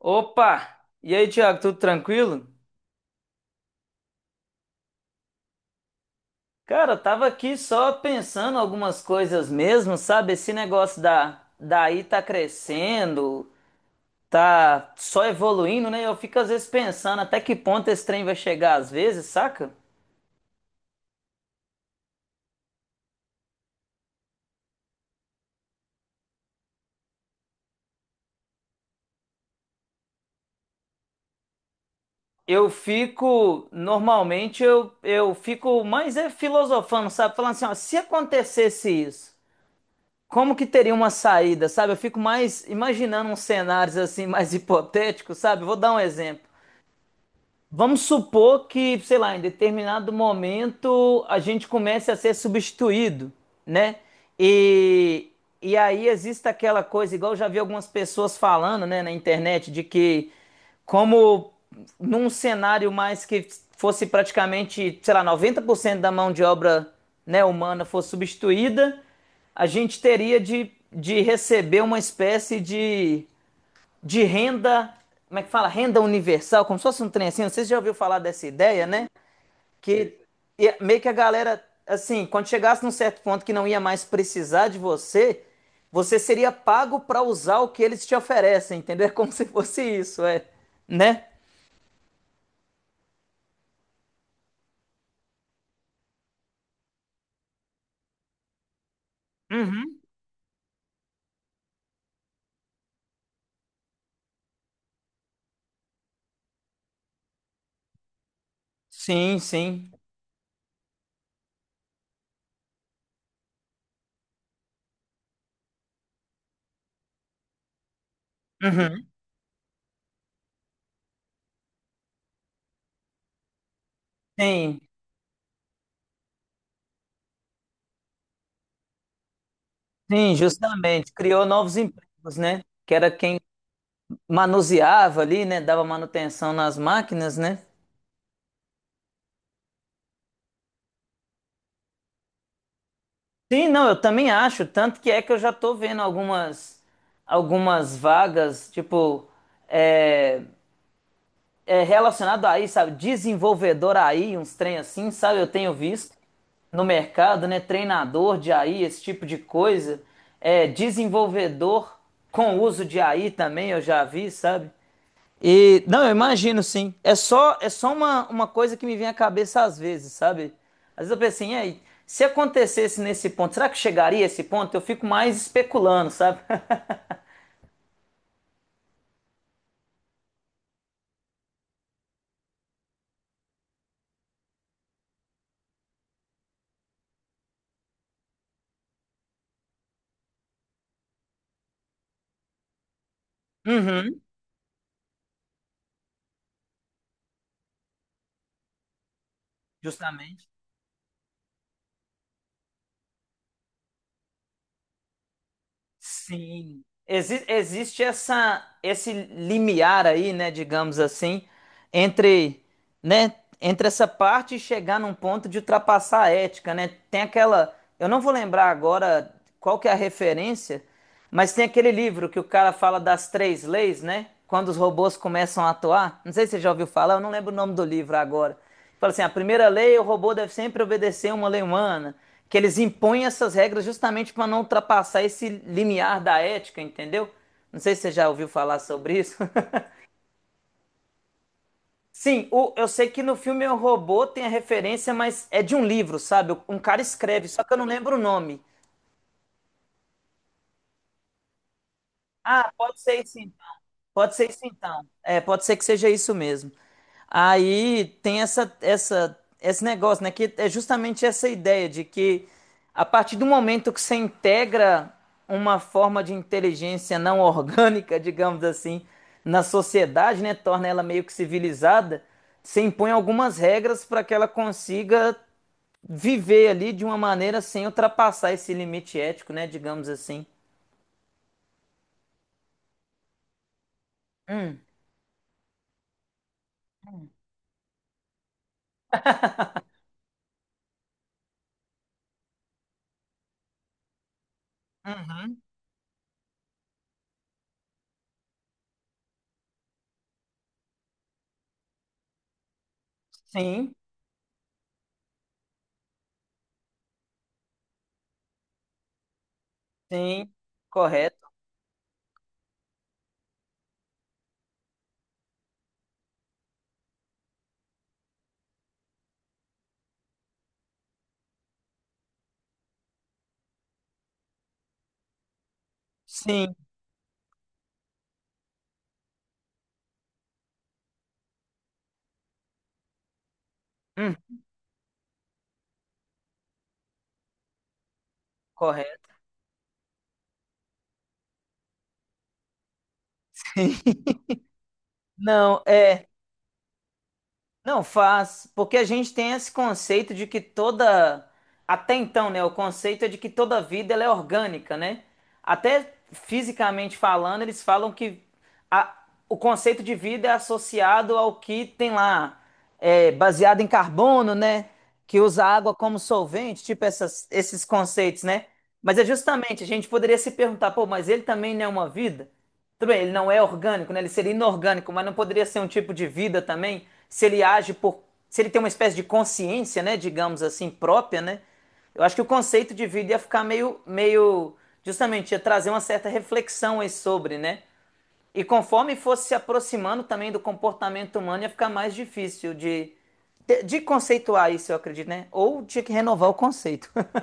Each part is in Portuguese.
Opa! E aí, Thiago, tudo tranquilo? Cara, eu tava aqui só pensando algumas coisas mesmo, sabe? Esse negócio da daí tá crescendo, tá só evoluindo, né? Eu fico às vezes pensando até que ponto esse trem vai chegar às vezes, saca? Eu fico, normalmente eu fico mais é filosofando, sabe? Falando assim, ó, se acontecesse isso, como que teria uma saída, sabe? Eu fico mais imaginando uns cenários assim mais hipotéticos, sabe? Vou dar um exemplo. Vamos supor que, sei lá, em determinado momento a gente comece a ser substituído, né? E, e aí existe aquela coisa, igual eu já vi algumas pessoas falando, né, na internet, de que como num cenário mais que fosse praticamente, sei lá, 90% da mão de obra, né, humana fosse substituída, a gente teria de receber uma espécie de renda, como é que fala? Renda universal, como se fosse um trem assim, não sei se você já ouviu falar dessa ideia, né? Que é meio que a galera, assim, quando chegasse num certo ponto que não ia mais precisar de você, você seria pago para usar o que eles te oferecem, entendeu? É como se fosse isso, é, né? Sim, sim. Uhum. Sim, sim, justamente. Criou novos empregos, né? Que era quem manuseava ali, né? Dava manutenção nas máquinas, né? Sim, não, eu também acho, tanto que é que eu já tô vendo algumas algumas vagas, tipo, é, é relacionado a aí, sabe, desenvolvedor aí, uns trem assim, sabe, eu tenho visto no mercado, né, treinador de AI, esse tipo de coisa, é desenvolvedor com uso de AI também, eu já vi, sabe? E não, eu imagino sim. É só uma coisa que me vem à cabeça às vezes, sabe? Às vezes eu penso assim, e aí, se acontecesse nesse ponto, será que chegaria a esse ponto? Eu fico mais especulando, sabe? Uhum. Justamente. Sim. Existe essa esse limiar aí, né, digamos assim, entre né, entre essa parte e chegar num ponto de ultrapassar a ética, né? Tem aquela, eu não vou lembrar agora qual que é a referência, mas tem aquele livro que o cara fala das três leis, né? Quando os robôs começam a atuar. Não sei se você já ouviu falar, eu não lembro o nome do livro agora. Fala assim, a primeira lei, o robô deve sempre obedecer uma lei humana, que eles impõem essas regras justamente para não ultrapassar esse limiar da ética, entendeu? Não sei se você já ouviu falar sobre isso. Sim, eu sei que no filme O Robô tem a referência, mas é de um livro, sabe? Um cara escreve, só que eu não lembro o nome. Ah, pode ser isso, pode ser isso então. É, pode ser que seja isso mesmo. Aí tem essa, essa, esse negócio, né? Que é justamente essa ideia de que a partir do momento que você integra uma forma de inteligência não orgânica, digamos assim, na sociedade, né? Torna ela meio que civilizada, você impõe algumas regras para que ela consiga viver ali de uma maneira sem ultrapassar esse limite ético, né? Digamos assim. Uhum. Sim, sim, correto. Sim, hum, correto. Não, é. Não faz, porque a gente tem esse conceito de que toda, até então, né, o conceito é de que toda vida ela é orgânica, né? Até fisicamente falando, eles falam que a- o conceito de vida é associado ao que tem lá, é, baseado em carbono, né? Que usa água como solvente, tipo esses conceitos, né? Mas é justamente, a gente poderia se perguntar, pô, mas ele também não é uma vida? Tudo bem, ele não é orgânico, né? Ele seria inorgânico, mas não poderia ser um tipo de vida também, se ele age por, se ele tem uma espécie de consciência, né, digamos assim, própria, né? Eu acho que o conceito de vida ia ficar meio, meio, justamente, ia trazer uma certa reflexão aí sobre, né? E conforme fosse se aproximando também do comportamento humano, ia ficar mais difícil de conceituar isso, eu acredito, né? Ou tinha que renovar o conceito.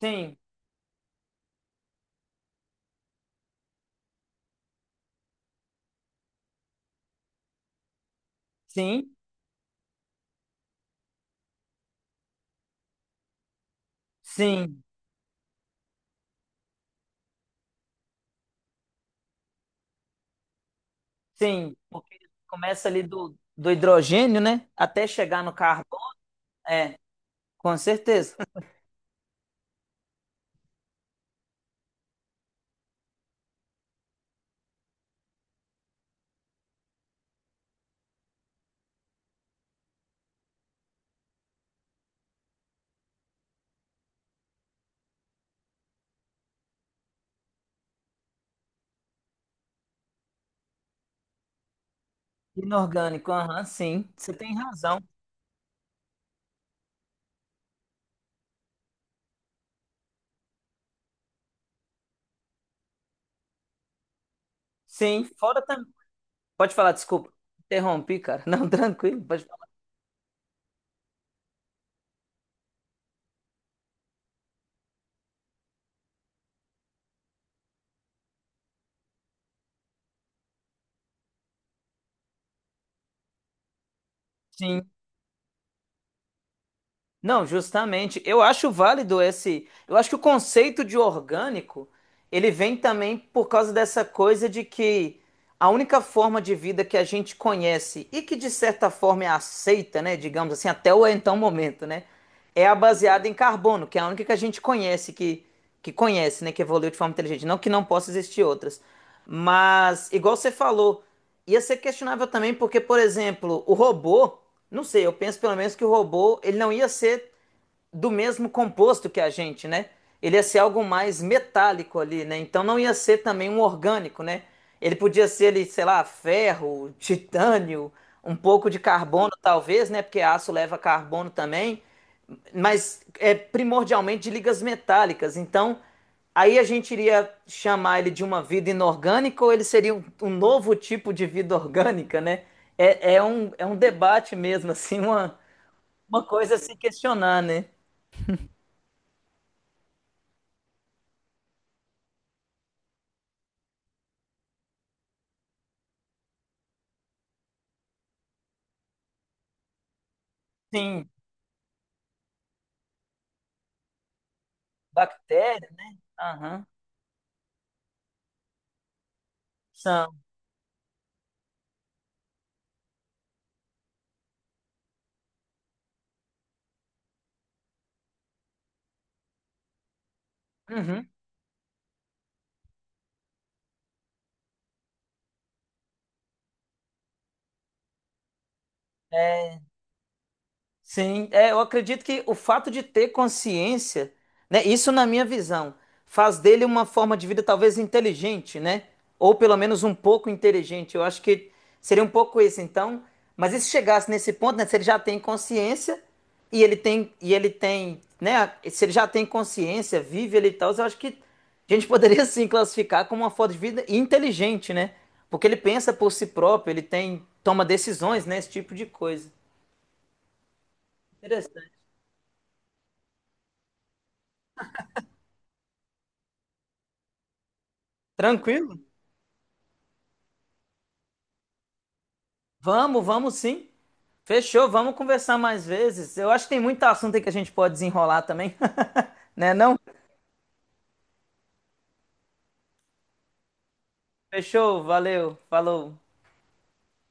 Sim, sim, sim. Sim, porque começa ali do, do hidrogênio, né? Até chegar no carbono. É, com certeza. Inorgânico, aham, sim. Você tem razão. Sim, fora também. Pode falar, desculpa. Interrompi, cara. Não, tranquilo, pode falar. Sim. Não, justamente. Eu acho válido esse. Eu acho que o conceito de orgânico ele vem também por causa dessa coisa de que a única forma de vida que a gente conhece e que de certa forma é aceita, né, digamos assim, até o então momento, né, é a baseada em carbono, que é a única que a gente conhece que conhece, né, que evoluiu de forma inteligente. Não que não possa existir outras, mas igual você falou, ia ser questionável também porque, por exemplo, o robô, não sei, eu penso pelo menos que o robô, ele não ia ser do mesmo composto que a gente, né? Ele ia ser algo mais metálico ali, né? Então não ia ser também um orgânico, né? Ele podia ser ali, sei lá, ferro, titânio, um pouco de carbono talvez, né? Porque aço leva carbono também, mas é primordialmente de ligas metálicas. Então aí a gente iria chamar ele de uma vida inorgânica ou ele seria um novo tipo de vida orgânica, né? É um debate mesmo, assim, uma coisa a se questionar, né? Sim, bactérias, né? Aham, são. Uhum. Sim, é, eu acredito que o fato de ter consciência, né, isso na minha visão, faz dele uma forma de vida talvez inteligente, né? Ou pelo menos um pouco inteligente. Eu acho que seria um pouco isso, então. Mas e se chegasse nesse ponto, né, se ele já tem consciência e ele tem, né, se ele já tem consciência, vive ele e tal, eu acho que a gente poderia sim classificar como uma forma de vida inteligente, né? Porque ele pensa por si próprio, ele tem, toma decisões, né, esse tipo de coisa. Interessante. Tranquilo? Vamos, vamos sim. Fechou, vamos conversar mais vezes. Eu acho que tem muito assunto aí que a gente pode desenrolar também. Né não? Fechou, valeu, falou.